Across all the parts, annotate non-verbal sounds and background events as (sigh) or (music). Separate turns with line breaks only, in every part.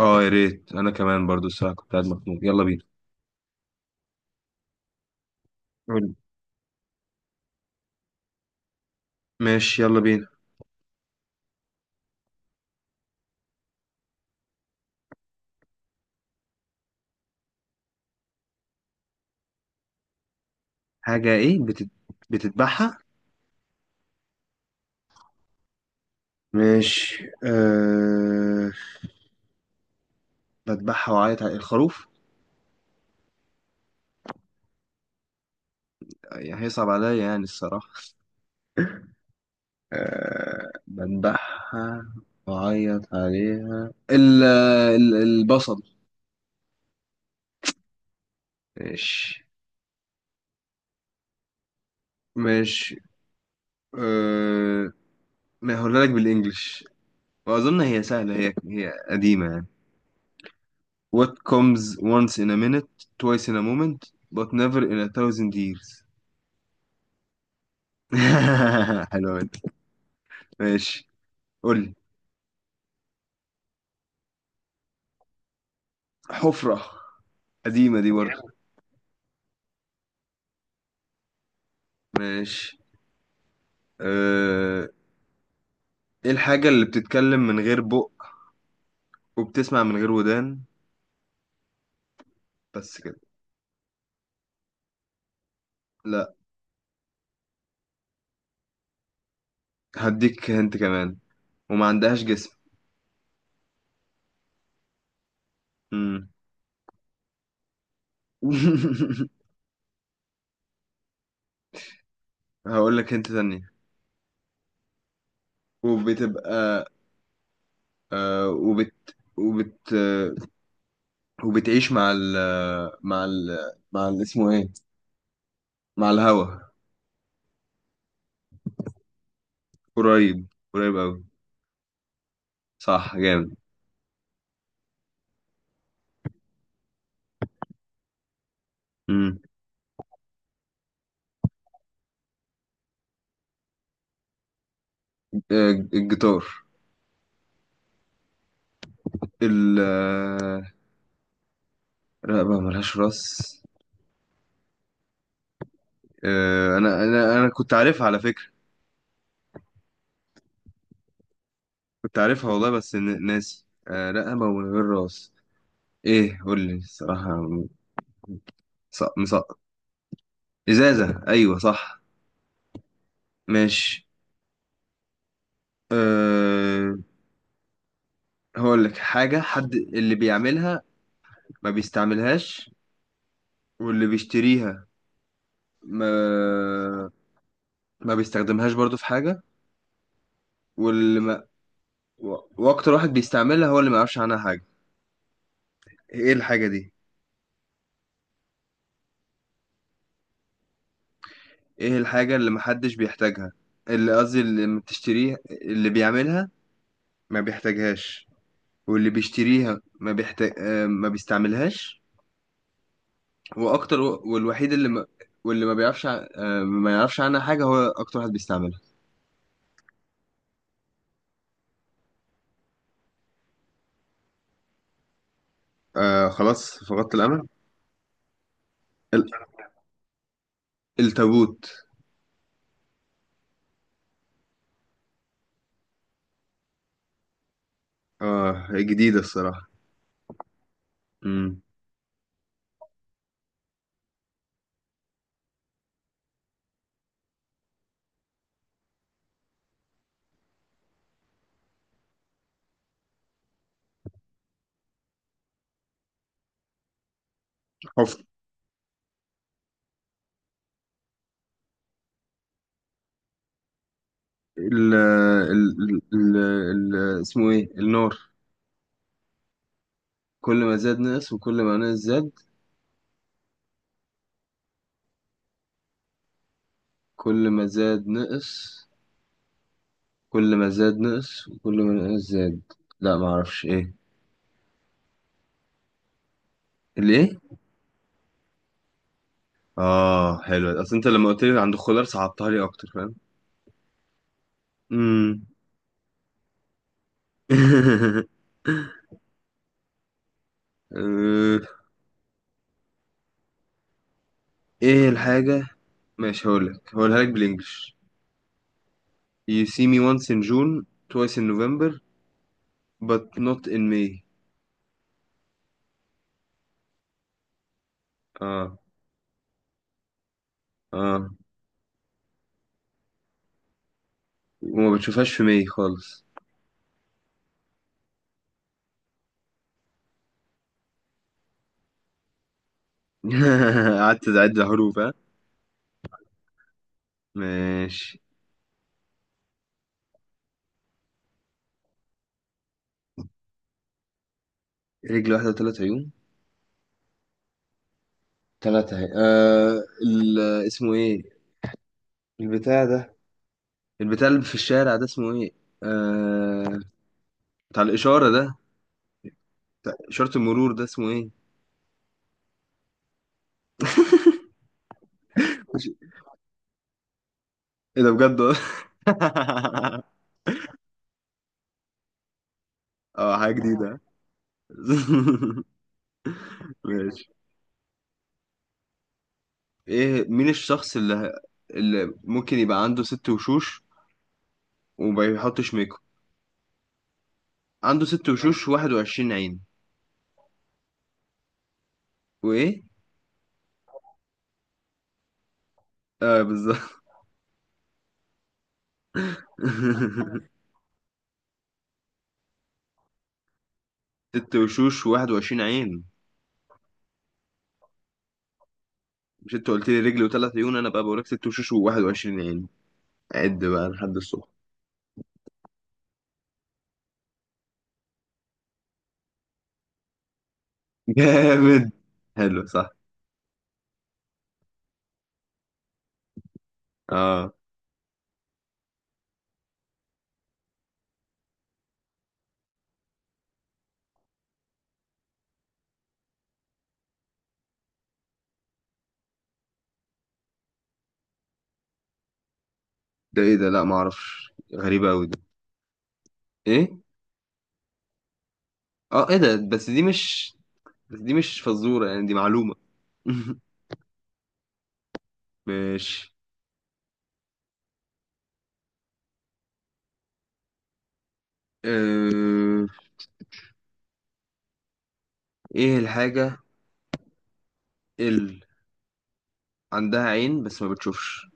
اه، يا ريت انا كمان برضو الساعة كنت قاعد مخنوق، يلا بينا. قول. ماشي، يلا بينا. حاجة ايه بتذبحها؟ ماشي. بذبحها وعيط على الخروف. يعني هيصعب عليا يعني الصراحة. بذبحها وعيط عليها البصل. ماشي. ماشي. أه... ما هقولها لك بالانجلش. واظن هي سهلة، هي قديمة يعني. What comes once in a minute, twice in a moment, but never in a thousand years. (laughs) حلوة دي. ماشي، قول لي. حفرة. قديمة دي برضه، جامد. ماشي. أه... ايه الحاجة اللي بتتكلم من غير بق وبتسمع من غير ودان بس كده؟ لا، هديك هنت كمان. وما عندهاش جسم. مم. (laughs) هقول لك هنت تانية. وبتبقى أه... وبت وبت آه، وبتعيش مع ال مع ال مع ال اسمه ايه مع الهوا. قريب، قريب أوي. صح، جامد. مم. آه، الجيتار. ال آه، رقبة ملهاش راس. أنا كنت عارفها على فكرة. كنت عارفها والله، بس ناسي. رقبة من غير راس. إيه؟ قول لي الصراحة. مسقط، مسقط. إزازة، أيوة صح. ماشي. أه هقول لك حاجة. حد اللي بيعملها ما بيستعملهاش، واللي بيشتريها ما ما بيستخدمهاش برضو في حاجة. واللي واكتر واحد بيستعملها هو اللي ما يعرفش عنها حاجه. ايه الحاجه دي؟ ايه الحاجه اللي محدش بيحتاجها، اللي قصدي اللي ما بتشتريها، اللي بيعملها ما بيحتاجهاش. واللي بيشتريها ما بيحتاج آه، ما بيستعملهاش. واكتر والوحيد اللي ما، واللي ما بيعرفش ما يعرفش عنها حاجه هو اكتر واحد بيستعملها. آه، خلاص فقدت الامل. ال- التابوت. اه، جديده الصراحه. امم. حفر. ال ال ال ال- اسمه ايه النار. كل ما زاد نقص وكل ما نقص زاد. كل ما زاد نقص. كل ما زاد نقص وكل ما نقص زاد. لا، ما اعرفش ايه. اللي ايه؟ اه حلو. اصل انت لما قلت لي عند الخضار، صعبتها لي اكتر، فاهم. امم. (laughs) آه، ايه الحاجة. ماشي، هقولها لك بالانجلش. You see me once in June twice in November but not in May. اه. اه. وما بتشوفهاش في ماي خالص. (laughs) قعدت تعد حروف، ها. ماشي. رجل واحدة و3 عيون. ثلاثة اهي. آه ال- اسمه ايه البتاع ده. البتاع اللي في الشارع ده اسمه ايه؟ آه... بتاع الإشارة ده. بتاع إشارة المرور ده اسمه ايه؟ مش- ايه ده بجد؟ (laughs) اه، حاجة جديدة. (laughs) ماشي. ايه مين الشخص اللي ممكن يبقى عنده 6 وشوش وما بيحطش ميك اب؟ عنده 6 وشوش، 21 عين. وايه؟ اه، بالظبط. (laughs) 6 وشوش، 21 عين. مش انت قلت لي رجل و3 عيون؟ انا بقى بوريك ست وشوش و21 عين. عد بقى لحد الصبح. (laughs) جامد، حلو، صح. اه. ده ايه ده؟ لا، ما اعرفش. غريبه قوي دي. ايه؟ اه. ايه ده؟ بس دي مش فزوره يعني، دي معلومه. (laughs) ماشي. آه... ايه الحاجه اللي عندها عين بس ما بتشوفش؟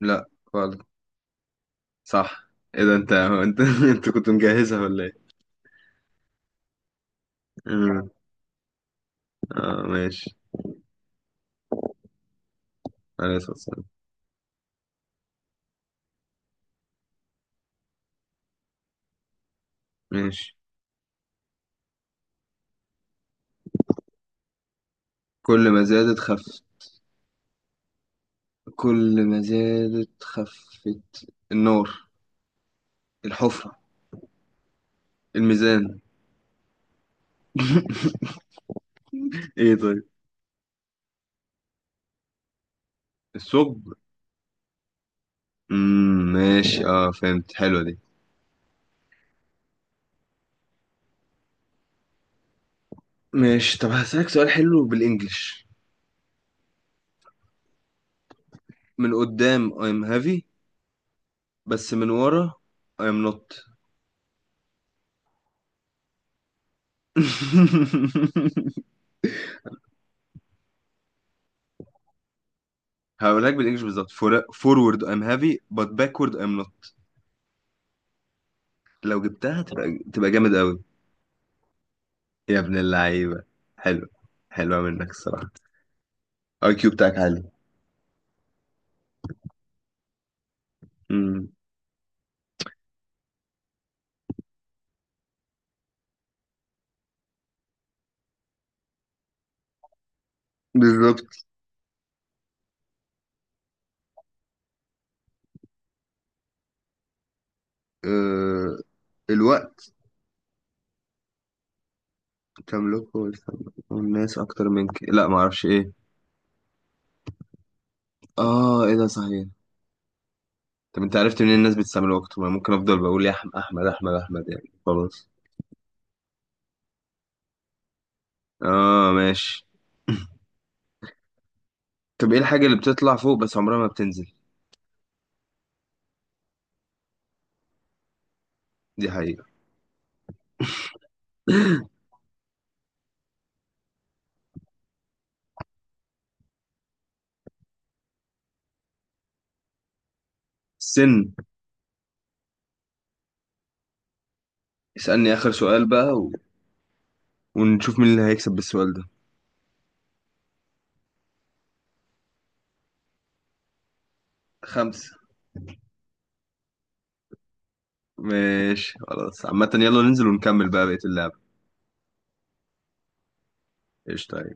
لا، خالص. صح. ايه ده؟ انت، هو انت (laughs) انت كنت مجهزها ولا ايه؟ مم. اه، ماشي. عليه الصلاه والسلام. ماشي. كل ما زادت خفت. كل ما زادت خفت، النار؟ الحفرة؟ الميزان؟ ايه طيب؟ الثقب؟ مم، ماشي. اه فهمت، حلوة دي. ماشي. طب هسألك سؤال حلو بالانجلش. من قدام I'm heavy، بس من ورا I'm not. (laughs) هقول لك بالانجلش بالظبط. Forward I'm heavy but backward I'm not. لو جبتها، تبقى جامد قوي. يا ابن اللعيبة، حلو. حلوة منك الصراحة، IQ بتاعك عالي. مم. بالظبط. آه، الوقت. تملكه ويستملكه الناس أكتر منك. لا، معرفش إيه. آه، إيه ده؟ صحيح. طب أنت عرفت منين؟ الناس بتستعمل وقته؟ ما ممكن أفضل بقول يا أحمد، أحمد، أحمد، أحمد يعني خلاص. آه، ماشي. (laughs) طب إيه الحاجة اللي بتطلع فوق بس عمرها ما بتنزل؟ دي حقيقة. (laughs) السن. اسألني آخر سؤال بقى، ونشوف مين اللي هيكسب بالسؤال ده. خمسة. ماشي خلاص، عامة يلا ننزل ونكمل بقى بقية اللعبة. قشطة.